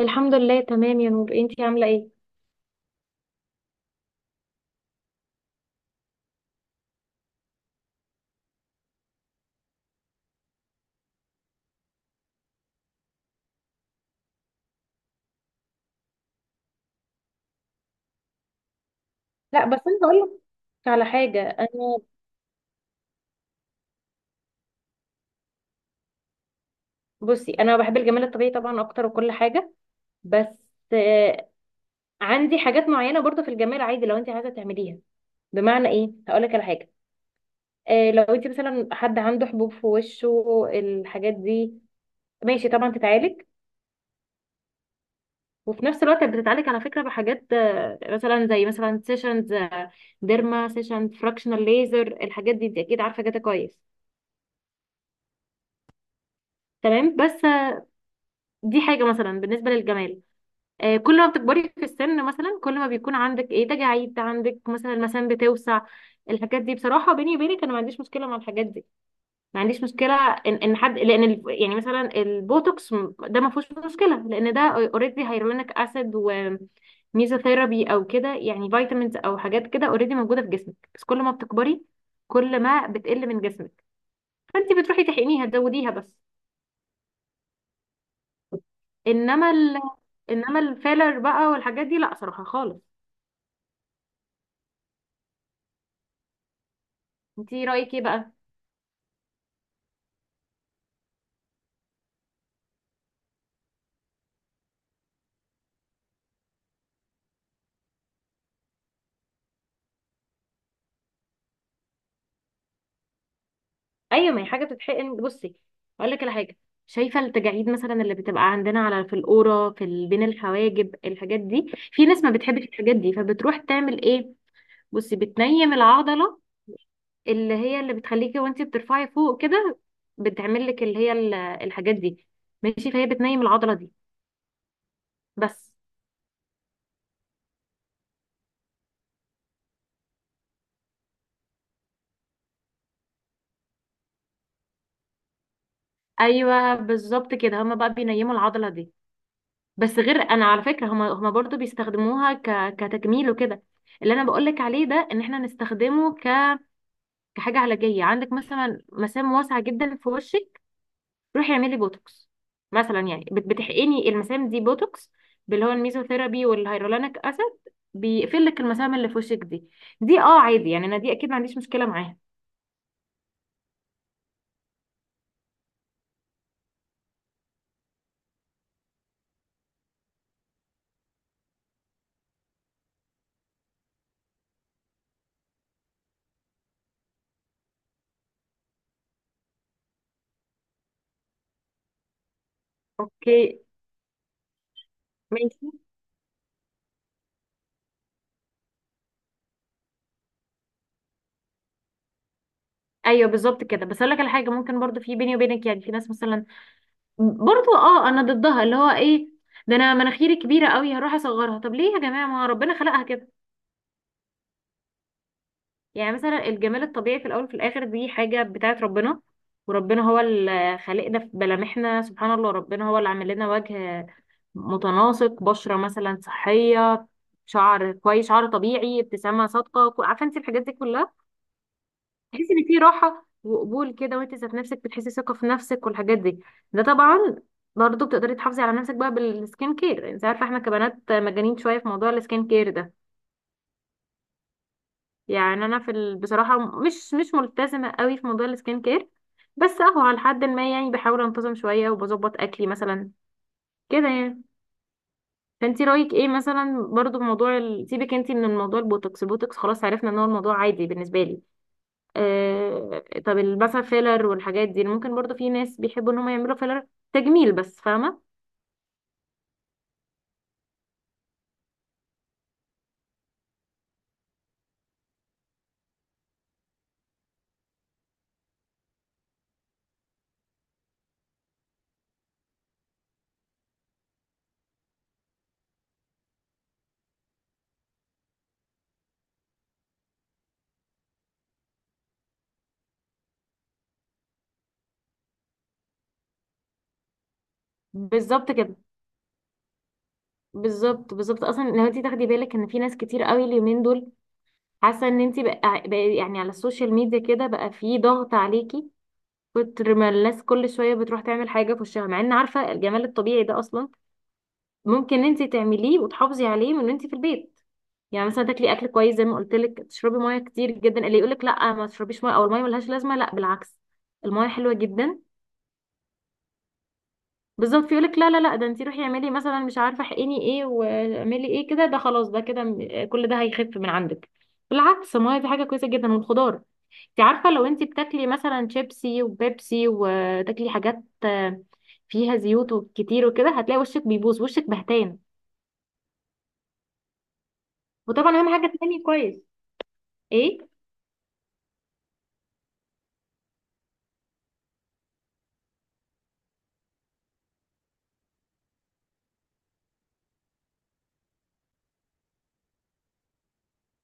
الحمد لله تمام يا نور، انتي عامله ايه؟ لا بس انا هقول لك على حاجه. انا بصي انا بحب الجمال الطبيعي طبعا اكتر وكل حاجه. بس آه، عندي حاجات معينه برضو في الجمال عادي لو انتي عايزه تعمليها. بمعنى ايه؟ هقول لك على حاجه. لو انتي مثلا حد عنده حبوب في وشه الحاجات دي ماشي طبعا تتعالج. وفي نفس الوقت بتتعالج على فكره بحاجات مثلا زي مثلا سيشنز، ديرما سيشن، فراكشنال ليزر، الحاجات دي انت اكيد عارفه جاتا كويس. تمام، بس دي حاجة مثلا بالنسبة للجمال. كل ما بتكبري في السن مثلا، كل ما بيكون عندك ايه، تجاعيد، عندك مثلا المثانة بتوسع، الحاجات دي بصراحة بيني وبينك انا ما عنديش مشكلة مع الحاجات دي. ما عنديش مشكلة ان حد، لان يعني مثلا البوتوكس، ده ما فيهوش مشكلة لان ده اوريدي هيرولينيك اسيد وميزوثيرابي او كده، يعني فيتامينز او حاجات كده اوريدي موجودة في جسمك، بس كل ما بتكبري كل ما بتقل من جسمك، فانت بتروحي تحقنيها تزوديها بس. انما ال... انما الفيلر بقى والحاجات دي لا صراحه خالص. انتي رايك ايه بقى؟ ايوه ما هي حاجه بتتحقن. بصي اقول لك على حاجه. شايفه التجاعيد مثلا اللي بتبقى عندنا على في القوره في بين الحواجب، الحاجات دي في ناس ما بتحبش الحاجات دي، فبتروح تعمل ايه؟ بصي بتنيم العضله اللي هي اللي بتخليكي وانتي بترفعي فوق كده، بتعمل لك اللي هي الحاجات دي، ماشي؟ فهي بتنيم العضله دي بس. ايوه بالظبط كده، هما بقى بينيموا العضله دي بس. غير انا على فكره، هما برضو بيستخدموها كتجميل وكده. اللي انا بقولك عليه ده ان احنا نستخدمه كحاجه علاجيه. عندك مثلا مسام واسعه جدا في وشك، روحي اعملي بوتوكس مثلا، يعني بتحقني المسام دي بوتوكس، باللي هو الميزوثيرابي والهيرولانيك اسيد، بيقفل لك المسام اللي في وشك دي. دي اه عادي، يعني انا دي اكيد ما عنديش مشكله معاها. اوكي ماشي. ايوه بالظبط كده، بس اقول لك على حاجه. ممكن برضو، في بيني وبينك يعني، في ناس مثلا برضو اه انا ضدها، اللي هو ايه، ده انا مناخيري كبيره قوي هروح اصغرها. طب ليه يا جماعه، ما ربنا خلقها كده؟ يعني مثلا الجمال الطبيعي في الاول وفي الاخر دي حاجه بتاعت ربنا. وربنا هو اللي خالقنا في ملامحنا، سبحان الله، ربنا هو اللي عامل لنا وجه متناسق، بشره مثلا صحيه، شعر كويس، شعر طبيعي، ابتسامه صادقه، عارفه انت الحاجات دي كلها تحسي ان في راحه وقبول كده، وانت ذات نفسك بتحسي ثقه في نفسك والحاجات دي. ده طبعا. برضه بتقدري تحافظي على نفسك بقى بالسكين كير، انت عارفه احنا كبنات مجانين شويه في موضوع السكين كير ده. يعني انا في بصراحه مش ملتزمه قوي في موضوع السكين كير، بس اهو على حد ما، يعني بحاول انتظم شويه وبظبط اكلي مثلا كده يعني. فانت رايك ايه مثلا برضه في موضوع سيبك انت من الموضوع، البوتوكس، البوتوكس خلاص عرفنا ان هو الموضوع عادي بالنسبه لي. طب مثلا فيلر والحاجات دي، ممكن برضو في ناس بيحبوا ان هم يعملوا فيلر تجميل بس، فاهمه؟ بالظبط كده. بالظبط اصلا لو انت تاخدي بالك، ان في ناس كتير قوي اليومين دول حاسه ان انت بقى، بقى يعني على السوشيال ميديا كده، بقى في ضغط عليكي كتر ما الناس كل شويه بتروح تعمل حاجه في وشها، مع ان عارفه الجمال الطبيعي ده اصلا ممكن انت تعمليه وتحافظي عليه من وانت في البيت. يعني مثلا تاكلي اكل كويس زي ما قلت لك، تشربي ميه كتير جدا، اللي يقولك لا ما تشربيش ميه او الميه ملهاش لازمه، لا بالعكس الميه حلوه جدا. بالظبط، يقولك لا لا لا، ده انتي روحي اعملي مثلا مش عارفه احقني ايه واعملي ايه كده، ده خلاص ده كده كل ده هيخف من عندك. بالعكس الميه دي حاجه كويسه جدا، والخضار. انت عارفه لو انتي بتاكلي مثلا شيبسي وبيبسي وتاكلي حاجات فيها زيوت وكتير وكده، هتلاقي وشك بيبوظ، وشك بهتان. وطبعا اهم حاجه تنامي كويس. ايه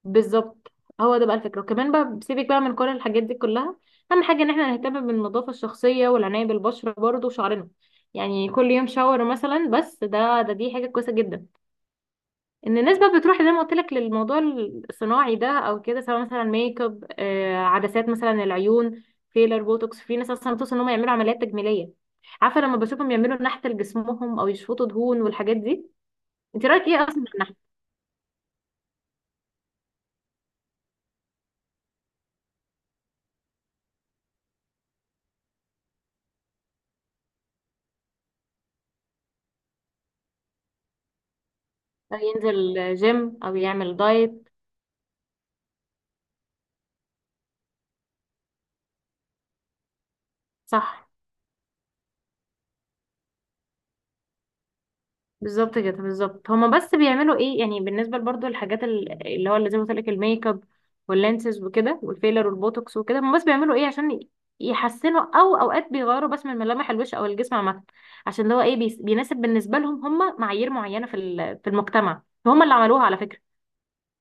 بالظبط، هو ده بقى الفكرة. وكمان بقى سيبك بقى من كل الحاجات دي كلها، أهم حاجة إن احنا نهتم بالنظافة الشخصية والعناية بالبشرة برضه وشعرنا. يعني كل يوم شاور مثلا، بس ده دي حاجة كويسة جدا. إن الناس بقى بتروح زي ما قلت لك للموضوع الصناعي ده أو كده، سواء مثلا ميك اب، آه، عدسات مثلا العيون، فيلر، بوتوكس، في ناس أصلا بتوصل إن هم يعملوا عمليات تجميلية، عارفة لما بشوفهم يعملوا نحت لجسمهم أو يشفطوا دهون والحاجات دي. أنت رأيك إيه أصلا في النحت؟ ينزل جيم أو يعمل دايت. صح. بالظبط كده. بالظبط، هما بس بيعملوا ايه، يعني بالنسبه برضو للحاجات اللي هو اللي زي ما قلت لك الميك اب واللانسز وكده والفيلر والبوتوكس وكده، هما بس بيعملوا ايه عشان يحسنوا، او اوقات بيغيروا بس من ملامح الوش او الجسم عامه، عشان اللي هو ايه بيناسب بالنسبه لهم. هما معايير معينه في في المجتمع هما اللي عملوها على فكره.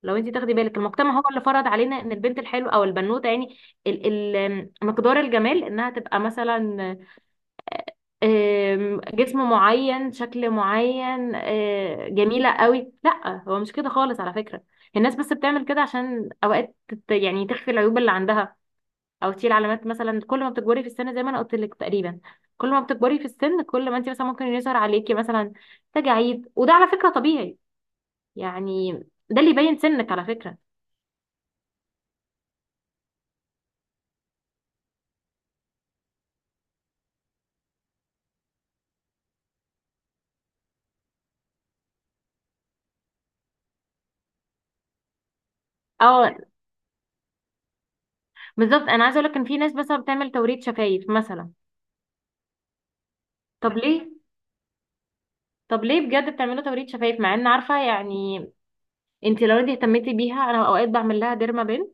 لو انت تاخدي بالك، المجتمع هو اللي فرض علينا ان البنت الحلوه او البنوته يعني ال مقدار الجمال، انها تبقى مثلا جسم معين، شكل معين، جميلة قوي. لا هو مش كده خالص على فكرة. الناس بس بتعمل كده عشان أوقات يعني تخفي العيوب اللي عندها، أو تشيل علامات. مثلا كل ما بتكبري في السن، زي ما أنا قلت لك تقريبا، كل ما بتكبري في السن كل ما أنت مثلا ممكن يظهر عليكي مثلا تجاعيد، وده على فكرة طبيعي يعني، ده اللي يبين سنك على فكرة. اه بالظبط. أنا عايزة أقولك إن في ناس مثلا بتعمل توريد شفايف مثلا. طب ليه؟ طب ليه بجد بتعملوا توريد شفايف، مع ان عارفه يعني انت لو انت اهتمتي بيها، انا اوقات بعمل لها ديرما بين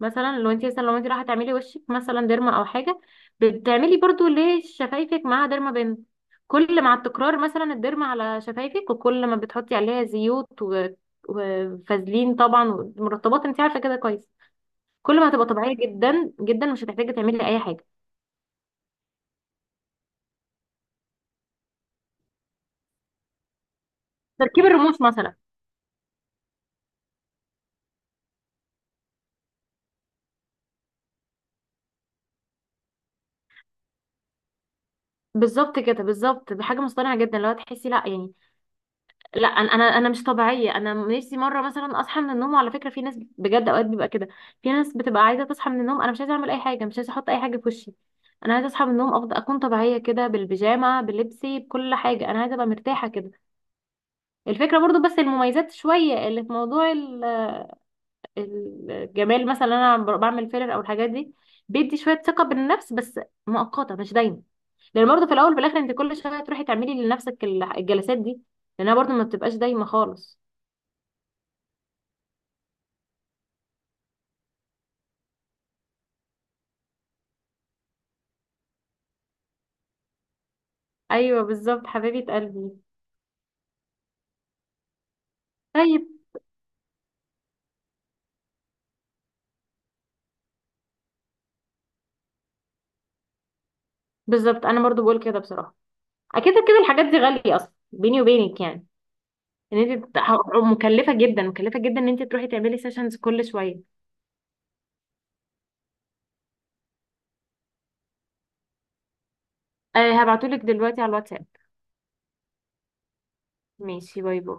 مثلا، لو انت مثلا لو انت رايحه تعملي وشك مثلا ديرما او حاجه، بتعملي برضو ليه شفايفك معاها ديرما بين. كل مع التكرار مثلا الديرما على شفايفك، وكل ما بتحطي عليها زيوت وفازلين طبعا ومرطبات، انت عارفه كده كويس، كل ما هتبقى طبيعيه جدا جدا، مش هتحتاجي تعملي اي حاجه. تركيب الرموش مثلا. بالظبط كده، بالظبط، بحاجه مصطنعه جدا لو تحسي، لا يعني لا، انا مش طبيعيه، انا نفسي مره مثلا اصحى من النوم. وعلى فكره في ناس بجد اوقات بيبقى كده، في ناس بتبقى عايزه تصحى من النوم انا مش عايزه اعمل اي حاجه، مش عايزه احط اي حاجه في وشي، انا عايزه اصحى من النوم افضل اكون طبيعيه كده بالبيجامه بلبسي بكل حاجه، انا عايزه ابقى مرتاحه كده الفكره. برضو بس المميزات شويه اللي في موضوع الجمال، مثلا انا بعمل فيلر او الحاجات دي بيدي شويه ثقه بالنفس، بس مؤقته مش دايما، لان برضو في الاول وفي الاخر انت كل شويه تروحي تعملي لنفسك الجلسات دي، لانها برضو ما بتبقاش دايما خالص. ايوه بالظبط حبيبه قلبي. طيب، بالظبط انا برضو بقول كده بصراحه. اكيد كده الحاجات دي غاليه اصلا بيني وبينك يعني، ان انت مكلفه جدا، مكلفه جدا ان انت تروحي تعملي سيشنز كل شويه. أه هبعتولك دلوقتي على الواتساب. ماشي، باي باي.